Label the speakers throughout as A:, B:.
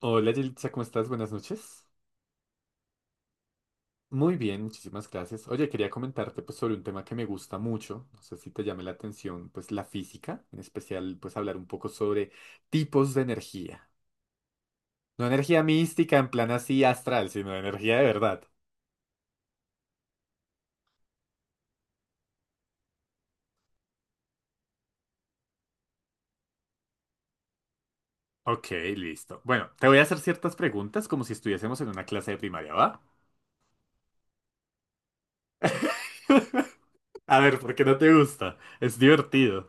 A: Hola, Yelitza, ¿cómo estás? Buenas noches. Muy bien, muchísimas gracias. Oye, quería comentarte pues sobre un tema que me gusta mucho, no sé si te llame la atención, pues la física, en especial pues hablar un poco sobre tipos de energía. No energía mística en plan así astral, sino energía de verdad. Ok, listo. Bueno, te voy a hacer ciertas preguntas como si estuviésemos en una clase de primaria, ¿va? A ver, ¿por qué no te gusta? Es divertido.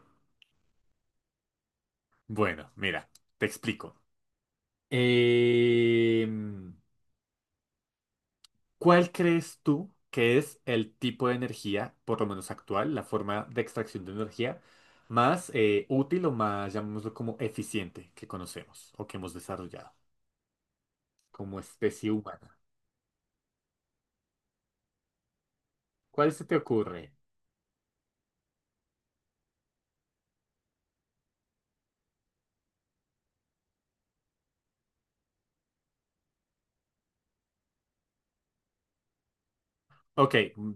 A: Bueno, mira, te explico. Eh... ¿Cuál crees tú que es el tipo de energía, por lo menos actual, la forma de extracción de energía más útil o más, llamémoslo como eficiente, que conocemos o que hemos desarrollado como especie humana? ¿Cuál se te ocurre? Ok,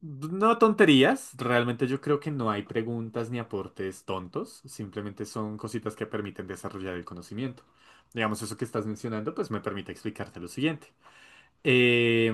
A: no tonterías, realmente yo creo que no hay preguntas ni aportes tontos, simplemente son cositas que permiten desarrollar el conocimiento. Digamos, eso que estás mencionando, pues me permite explicarte lo siguiente. Eh,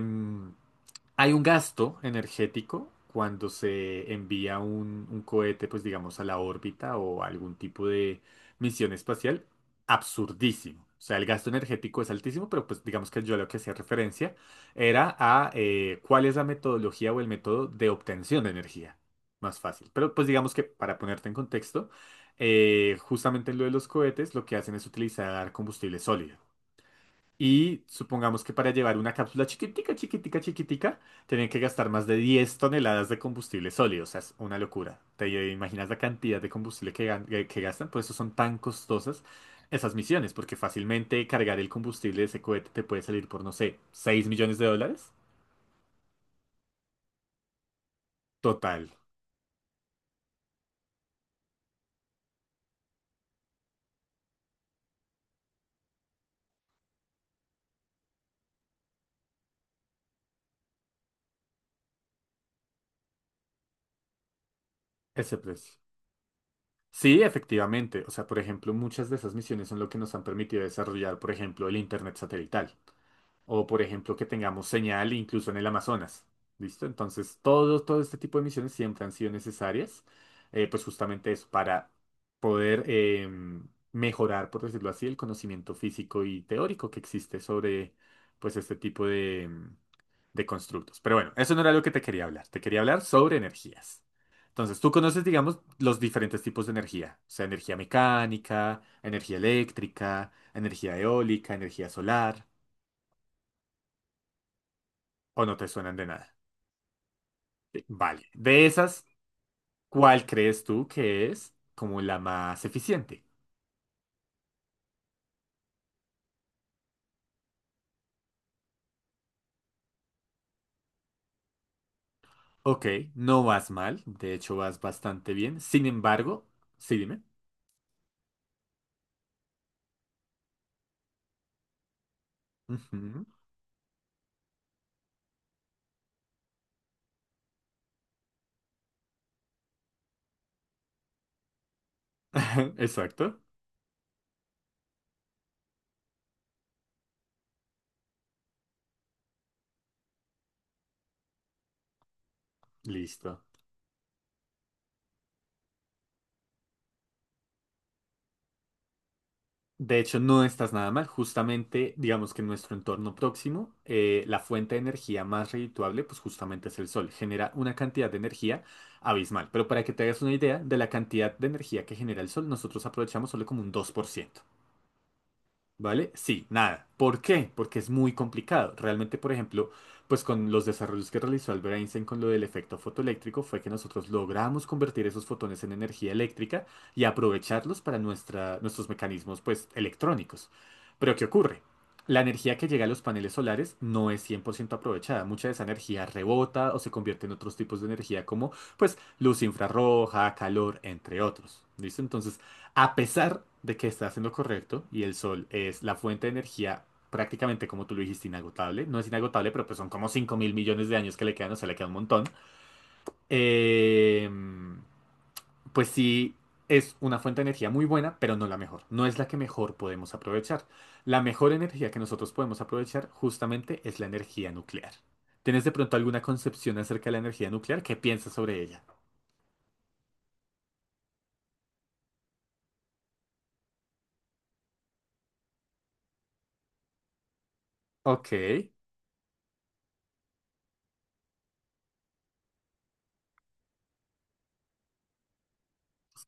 A: hay un gasto energético cuando se envía un cohete, pues digamos, a la órbita o a algún tipo de misión espacial, absurdísimo. O sea, el gasto energético es altísimo, pero pues digamos que yo a lo que hacía referencia era a cuál es la metodología o el método de obtención de energía. Más fácil. Pero pues digamos que para ponerte en contexto, justamente en lo de los cohetes, lo que hacen es utilizar combustible sólido. Y supongamos que para llevar una cápsula chiquitica, chiquitica, chiquitica, tenían que gastar más de 10 toneladas de combustible sólido. O sea, es una locura. ¿Te imaginas la cantidad de combustible que, que gastan? Por eso son tan costosas esas misiones, porque fácilmente cargar el combustible de ese cohete te puede salir por, no sé, 6 millones de dólares. Total, ese precio. Sí, efectivamente. O sea, por ejemplo, muchas de esas misiones son lo que nos han permitido desarrollar, por ejemplo, el Internet satelital. O por ejemplo que tengamos señal incluso en el Amazonas. ¿Listo? Entonces todo este tipo de misiones siempre han sido necesarias, pues justamente eso, para poder mejorar, por decirlo así, el conocimiento físico y teórico que existe sobre pues este tipo de, de constructos. Pero bueno, eso no era lo que te quería hablar sobre energías. Entonces, tú conoces, digamos, los diferentes tipos de energía, o sea, energía mecánica, energía eléctrica, energía eólica, energía solar. ¿O no te suenan de nada? Sí. Vale. De esas, ¿cuál crees tú que es como la más eficiente? Ok, no vas mal, de hecho vas bastante bien. Sin embargo, sí, dime. Ujú. Exacto. Listo. De hecho, no estás nada mal. Justamente, digamos que en nuestro entorno próximo, la fuente de energía más redituable, pues justamente es el sol. Genera una cantidad de energía abismal. Pero para que te hagas una idea de la cantidad de energía que genera el sol, nosotros aprovechamos solo como un 2%. ¿Vale? Sí, nada. ¿Por qué? Porque es muy complicado. Realmente, por ejemplo, pues con los desarrollos que realizó Albert Einstein con lo del efecto fotoeléctrico fue que nosotros logramos convertir esos fotones en energía eléctrica y aprovecharlos para nuestra, nuestros mecanismos, pues, electrónicos. Pero ¿qué ocurre? La energía que llega a los paneles solares no es 100% aprovechada. Mucha de esa energía rebota o se convierte en otros tipos de energía como, pues, luz infrarroja, calor, entre otros. ¿Listo? Entonces, a pesar de que estás en lo correcto y el sol es la fuente de energía prácticamente como tú lo dijiste, inagotable. No es inagotable, pero pues son como 5 mil millones de años que le quedan, o sea, le queda un montón. Eh, pues sí, es una fuente de energía muy buena, pero no la mejor. No es la que mejor podemos aprovechar. La mejor energía que nosotros podemos aprovechar justamente es la energía nuclear. ¿Tienes de pronto alguna concepción acerca de la energía nuclear? ¿Qué piensas sobre ella? Ok,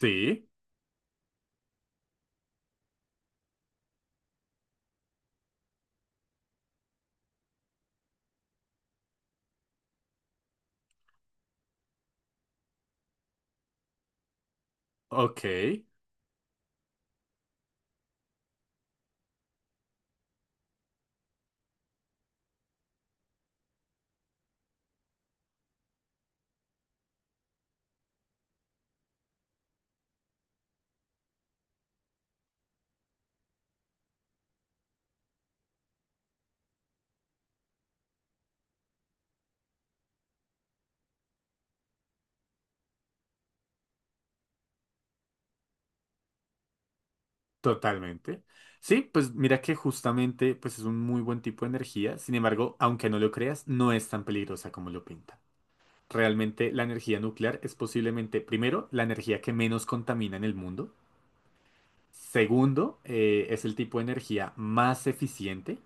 A: sí, ok. Totalmente. Sí, pues mira que justamente pues es un muy buen tipo de energía. Sin embargo, aunque no lo creas, no es tan peligrosa como lo pintan. Realmente la energía nuclear es posiblemente, primero, la energía que menos contamina en el mundo. Segundo, es el tipo de energía más eficiente.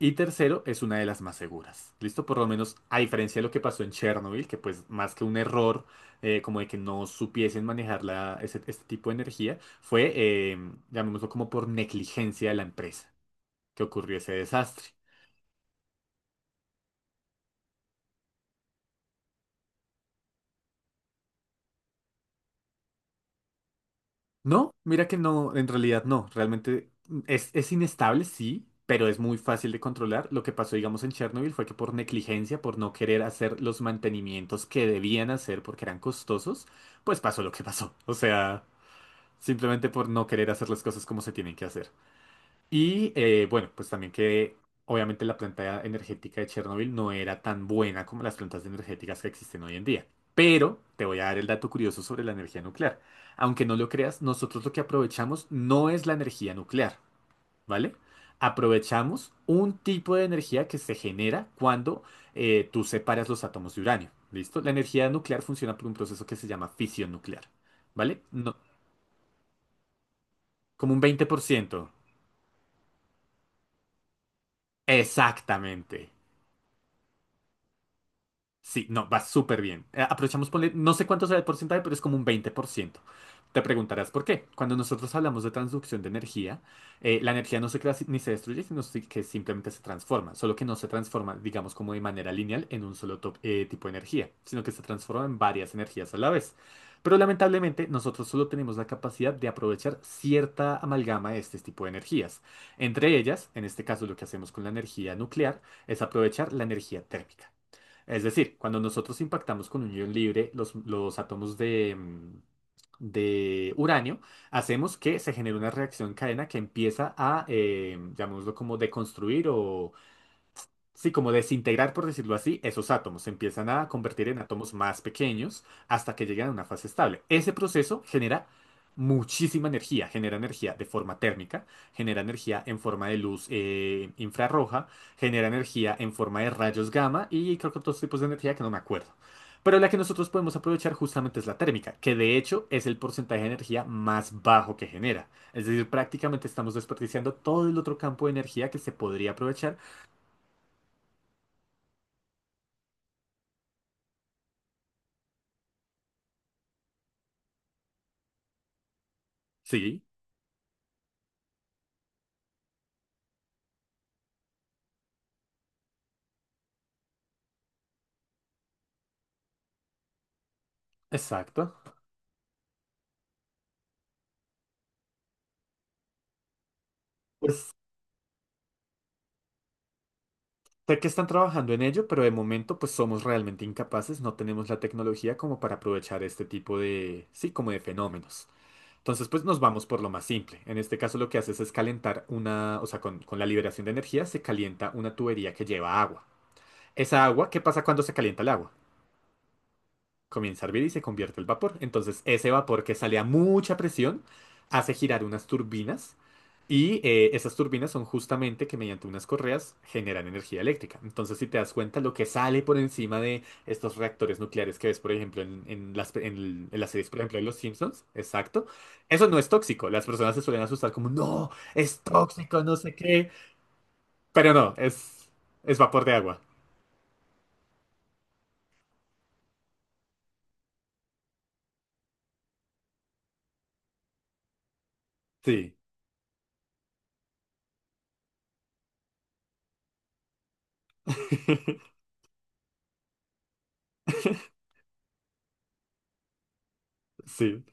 A: Y tercero, es una de las más seguras. ¿Listo? Por lo menos, a diferencia de lo que pasó en Chernobyl, que pues más que un error, como de que no supiesen manejar este tipo de energía, fue, llamémoslo como por negligencia de la empresa, que ocurrió ese desastre. No, mira que no, en realidad no. Realmente es inestable, sí, pero es muy fácil de controlar. Lo que pasó, digamos, en Chernobyl fue que por negligencia, por no querer hacer los mantenimientos que debían hacer porque eran costosos, pues pasó lo que pasó. O sea, simplemente por no querer hacer las cosas como se tienen que hacer. Y bueno, pues también que obviamente la planta energética de Chernobyl no era tan buena como las plantas energéticas que existen hoy en día. Pero te voy a dar el dato curioso sobre la energía nuclear. Aunque no lo creas, nosotros lo que aprovechamos no es la energía nuclear, ¿vale? Aprovechamos un tipo de energía que se genera cuando tú separas los átomos de uranio. ¿Listo? La energía nuclear funciona por un proceso que se llama fisión nuclear, ¿vale? No, como un 20%. Exactamente. Sí, no, va súper bien. Aprovechamos, ponle, no sé cuánto sea el porcentaje, pero es como un 20%. Te preguntarás por qué. Cuando nosotros hablamos de transducción de energía, la energía no se crea ni se destruye, sino que simplemente se transforma. Solo que no se transforma, digamos, como de manera lineal en un solo tipo de energía, sino que se transforma en varias energías a la vez. Pero lamentablemente, nosotros solo tenemos la capacidad de aprovechar cierta amalgama de este tipo de energías. Entre ellas, en este caso, lo que hacemos con la energía nuclear es aprovechar la energía térmica. Es decir, cuando nosotros impactamos con un ion libre, los átomos de, de uranio, hacemos que se genere una reacción en cadena que empieza a, llamémoslo como deconstruir o, sí, como desintegrar, por decirlo así, esos átomos se empiezan a convertir en átomos más pequeños hasta que llegan a una fase estable. Ese proceso genera muchísima energía, genera energía de forma térmica, genera energía en forma de luz infrarroja, genera energía en forma de rayos gamma y creo que otros tipos de energía que no me acuerdo. Pero la que nosotros podemos aprovechar justamente es la térmica, que de hecho es el porcentaje de energía más bajo que genera. Es decir, prácticamente estamos desperdiciando todo el otro campo de energía que se podría aprovechar. Sí. Exacto. Pues sé que están trabajando en ello, pero de momento pues somos realmente incapaces, no tenemos la tecnología como para aprovechar este tipo de, sí, como de fenómenos. Entonces pues nos vamos por lo más simple. En este caso lo que haces es calentar una, o sea, con la liberación de energía se calienta una tubería que lleva agua. Esa agua, ¿qué pasa cuando se calienta el agua? Comienza a hervir y se convierte el vapor. Entonces, ese vapor que sale a mucha presión hace girar unas turbinas y esas turbinas son justamente que mediante unas correas generan energía eléctrica. Entonces, si te das cuenta, lo que sale por encima de estos reactores nucleares que ves, por ejemplo, en las, pe- en el- en las series, por ejemplo, de Los Simpsons, exacto, eso no es tóxico. Las personas se suelen asustar como, no, es tóxico, no sé qué. Pero no, es vapor de agua. Sí, sí.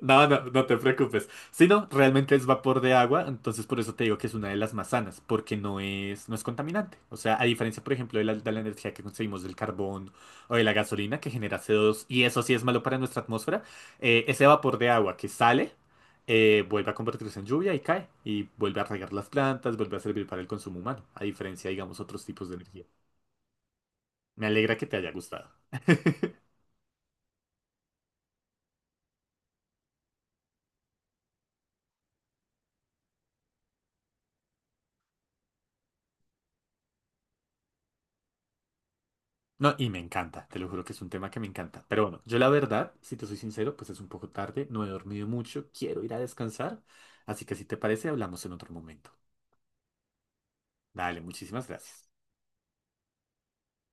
A: No, no, no te preocupes. Si no, realmente es vapor de agua, entonces por eso te digo que es una de las más sanas, porque no es contaminante. O sea, a diferencia, por ejemplo, de la energía que conseguimos del carbón o de la gasolina que genera CO2, y eso sí es malo para nuestra atmósfera, ese vapor de agua que sale, vuelve a convertirse en lluvia y cae, y vuelve a regar las plantas, vuelve a servir para el consumo humano, a diferencia, digamos, otros tipos de energía. Me alegra que te haya gustado. No, y me encanta, te lo juro que es un tema que me encanta. Pero bueno, yo la verdad, si te soy sincero, pues es un poco tarde, no he dormido mucho, quiero ir a descansar. Así que si te parece, hablamos en otro momento. Dale, muchísimas gracias.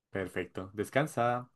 A: Perfecto, descansa.